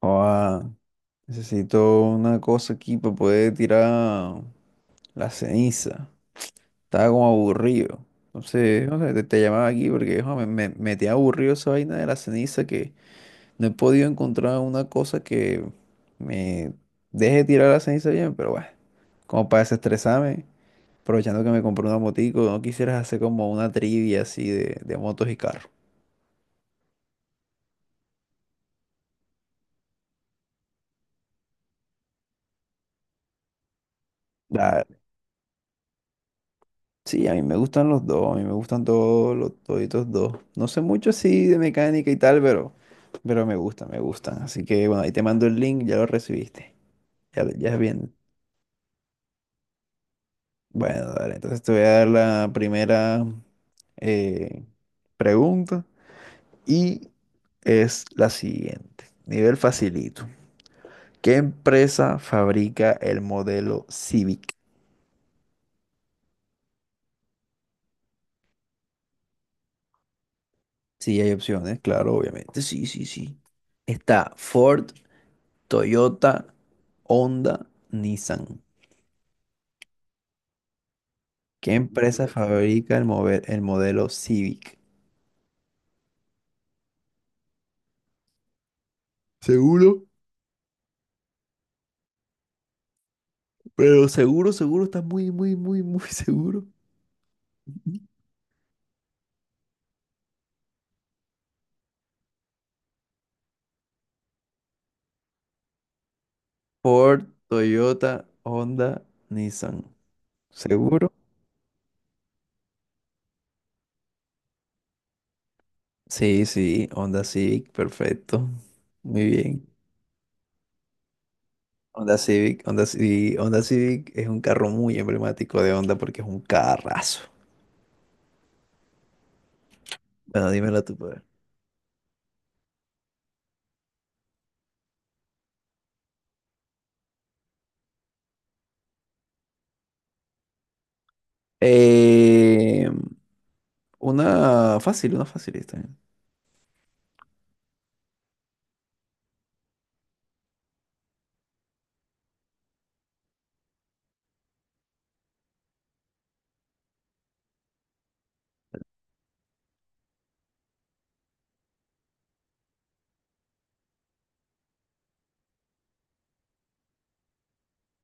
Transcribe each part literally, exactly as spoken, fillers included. Ah, necesito una cosa aquí para poder tirar la ceniza. Estaba como aburrido. Entonces, no sé, te, te llamaba aquí porque jo, me, me, me tiene aburrido esa vaina de la ceniza que no he podido encontrar una cosa que me deje tirar la ceniza bien, pero bueno, como para desestresarme, aprovechando que me compré una motico, no quisieras hacer como una trivia así de, de motos y carros. Sí, a mí me gustan los dos, a mí me gustan todos los toditos dos. No sé mucho así de mecánica y tal, pero, pero me gustan, me gustan. Así que bueno, ahí te mando el link, ya lo recibiste. Ya, lo- ya es bien. Bueno, dale, entonces te voy a dar la primera eh, pregunta y es la siguiente. Nivel facilito. ¿Qué empresa fabrica el modelo Civic? Sí, hay opciones, claro, obviamente. Sí, sí, sí. Está Ford, Toyota, Honda, Nissan. ¿Qué empresa fabrica el, mover- el modelo Civic? Seguro, pero seguro, seguro, estás muy, muy, muy, muy seguro. Ford, Toyota, Honda, Nissan. ¿Seguro? Sí, sí, Honda Civic, perfecto. Muy bien. Honda Civic, Honda Civic, Honda Civic es un carro muy emblemático de Honda porque es un carrazo. Bueno, dímelo tú, poder. Eh, una fácil, una facilista.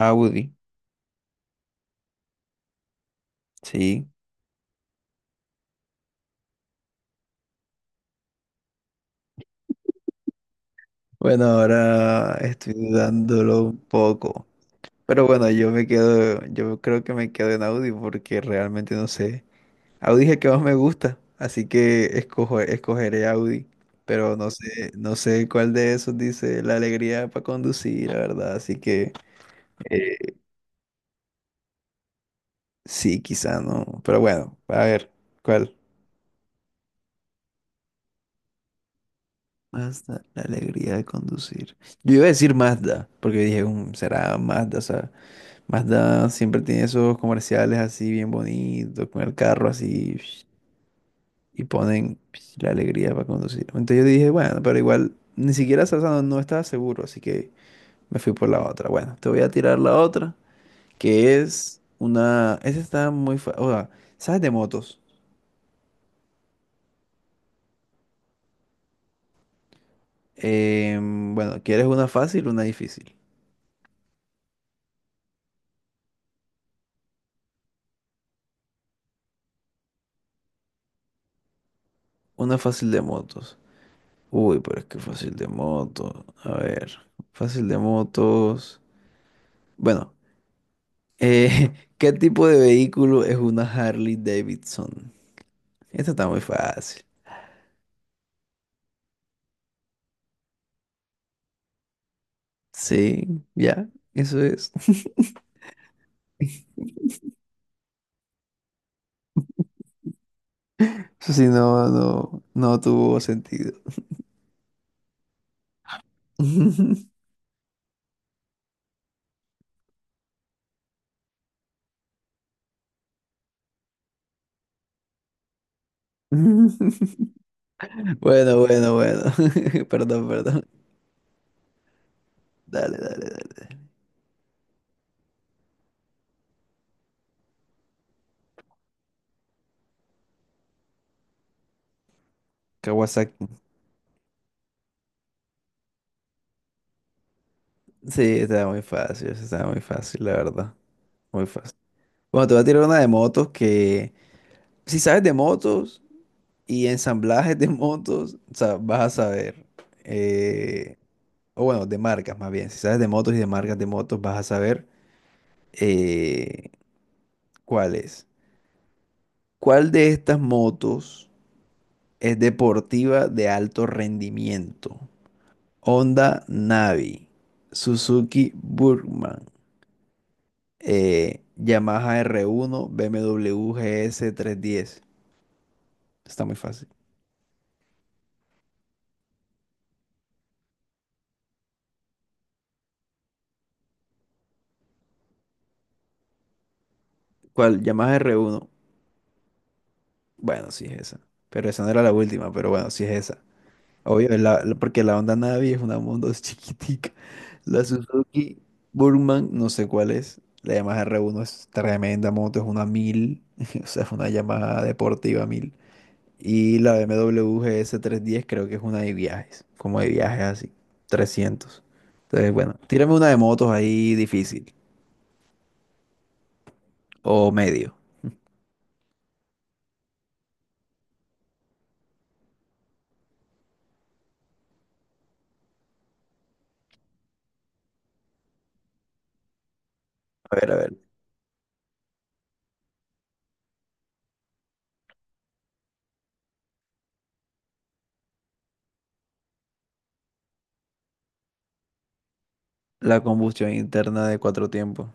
Audi, sí. Bueno, ahora estoy dudándolo un poco. Pero bueno, yo me quedo, yo creo que me quedo en Audi porque realmente no sé. Audi es el que más me gusta, así que escojo, escogeré Audi. Pero no sé, no sé cuál de esos dice la alegría para conducir, la verdad. Así que eh, sí, quizá no. Pero bueno, a ver, ¿cuál? Mazda, la alegría de conducir. Yo iba a decir Mazda, porque dije, "Mm, será Mazda, o sea. Mazda siempre tiene esos comerciales así bien bonitos, con el carro así, y ponen la alegría para conducir. Entonces yo dije, bueno, pero igual ni siquiera esa no, no estaba seguro, así que me fui por la otra. Bueno, te voy a tirar la otra, que es una... Esa está muy fácil. O sea, ¿sabes de motos? Em, bueno, ¿quieres una fácil o una difícil? Una fácil de motos. Uy, pero es que fácil de motos. A ver, fácil de motos. Bueno. Eh, ¿qué tipo de vehículo es una Harley Davidson? Esto está muy fácil. Sí, ya, eso es. Eso sí, no, no, no tuvo sentido. Bueno, bueno, bueno. Perdón, perdón. Dale, dale, dale. Kawasaki. Sí, está muy fácil, eso está muy fácil, la verdad. Muy fácil. Bueno, te voy a tirar una de motos que, si sabes de motos y ensamblajes de motos, o sea, vas a saber. Eh, o bueno, de marcas más bien. Si sabes de motos y de marcas de motos, vas a saber eh, cuál es. ¿Cuál de estas motos es deportiva de alto rendimiento? Honda Navi, Suzuki Burgman, eh, Yamaha R uno, B M W G S trescientos diez. Está muy fácil. ¿Cuál? Yamaha R uno. Bueno, sí es esa. Pero esa no era la última, pero bueno, sí es esa. Obvio, la- la- porque la Honda Navi es una moto chiquitica. La Suzuki Burman, no sé cuál es. La Yamaha R uno es tremenda moto, es una mil, o sea, es una Yamaha deportiva mil. Y la B M W G S trescientos diez creo que es una de viajes, como de viajes así, trescientos. Entonces, bueno, tírame una de motos ahí difícil, o medio. A ver, a ver. La combustión interna de cuatro tiempos.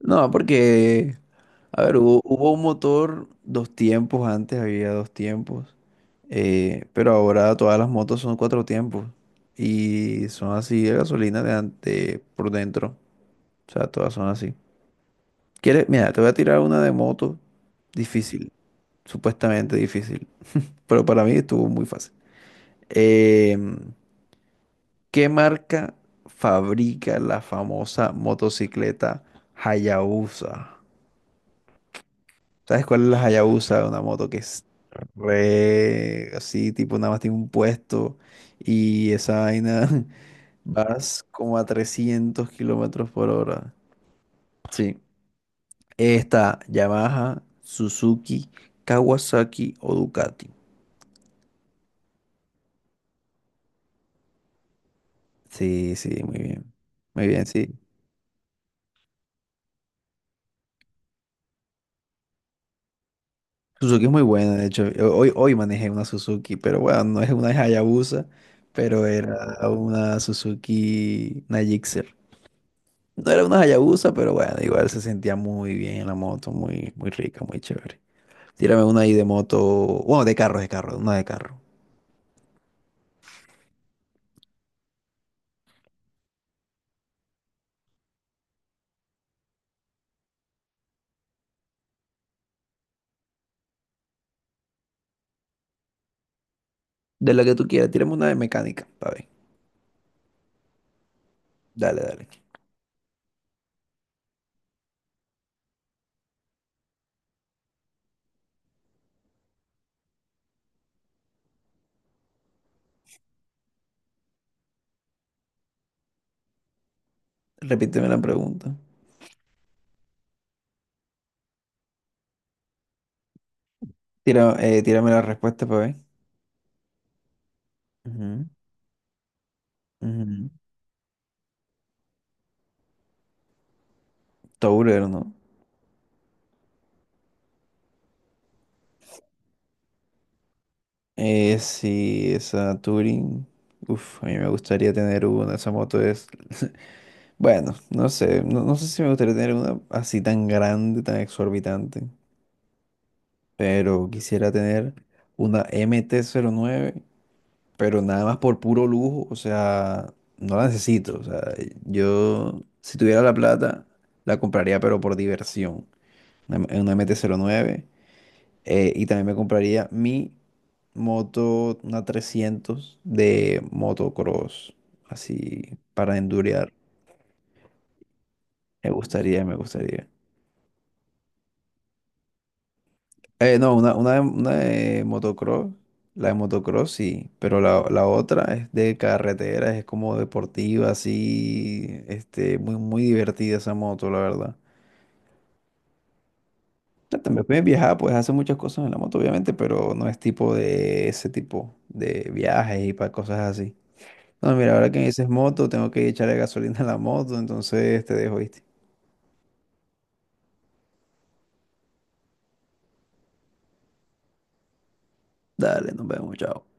No, porque a ver, hubo, hubo un motor dos tiempos, antes había dos tiempos, eh, pero ahora todas las motos son cuatro tiempos y son así de gasolina de, an- de- por dentro, o sea, todas son así. ¿Quieres? Mira, te voy a tirar una de moto difícil, supuestamente difícil, pero para mí estuvo muy fácil. Em, ¿Qué marca fabrica la famosa motocicleta Hayabusa? ¿Sabes cuál es la Hayabusa? Una moto que es re así, tipo nada más tiene un puesto y esa vaina vas como a trescientos kilómetros por hora. Sí. Está Yamaha, Suzuki, Kawasaki o Ducati. Sí, sí, muy bien. Muy bien, sí. Suzuki es muy buena, de hecho. Ho- Hoy, hoy manejé una Suzuki, pero bueno, no es una Hayabusa, pero era una Suzuki, una Gixxer. No era una Hayabusa, pero bueno, igual se sentía muy bien en la moto, muy, muy rica, muy chévere. Tírame una ahí de moto, bueno, de carro, de carro, una de carro. De la que tú quieras, tírame una de mecánica, pa' ver. Dale, dale. Repíteme la pregunta. Tira- eh, tírame la respuesta, pa' ver. Ujú, ujú. Tourero, ¿no? Eh, sí, esa Touring. Uf, a mí me gustaría tener una. Esa moto es. Bueno, no sé. No, no sé si me gustaría tener una así tan grande, tan exorbitante, pero quisiera tener una mt nueve, pero nada más por puro lujo, o sea, no la necesito. O sea, yo si tuviera la plata, la compraría, pero por diversión, una, M- una M T cero nueve, eh, y también me compraría mi moto, una trescientos de motocross, así, para endurear, me gustaría, me gustaría. Eh, no, una, una, de, una de motocross, la de motocross sí, pero la, la otra es de carretera, es como deportiva, así, este, muy, muy divertida esa moto, la verdad. Ya, también puedes viajar, puedes hacer muchas cosas en la moto, obviamente, pero no es tipo de ese tipo de viajes y para cosas así. No, mira, ahora que me dices moto, tengo que echarle gasolina a la moto, entonces te dejo, ¿viste? Dale, nos vemos, chao.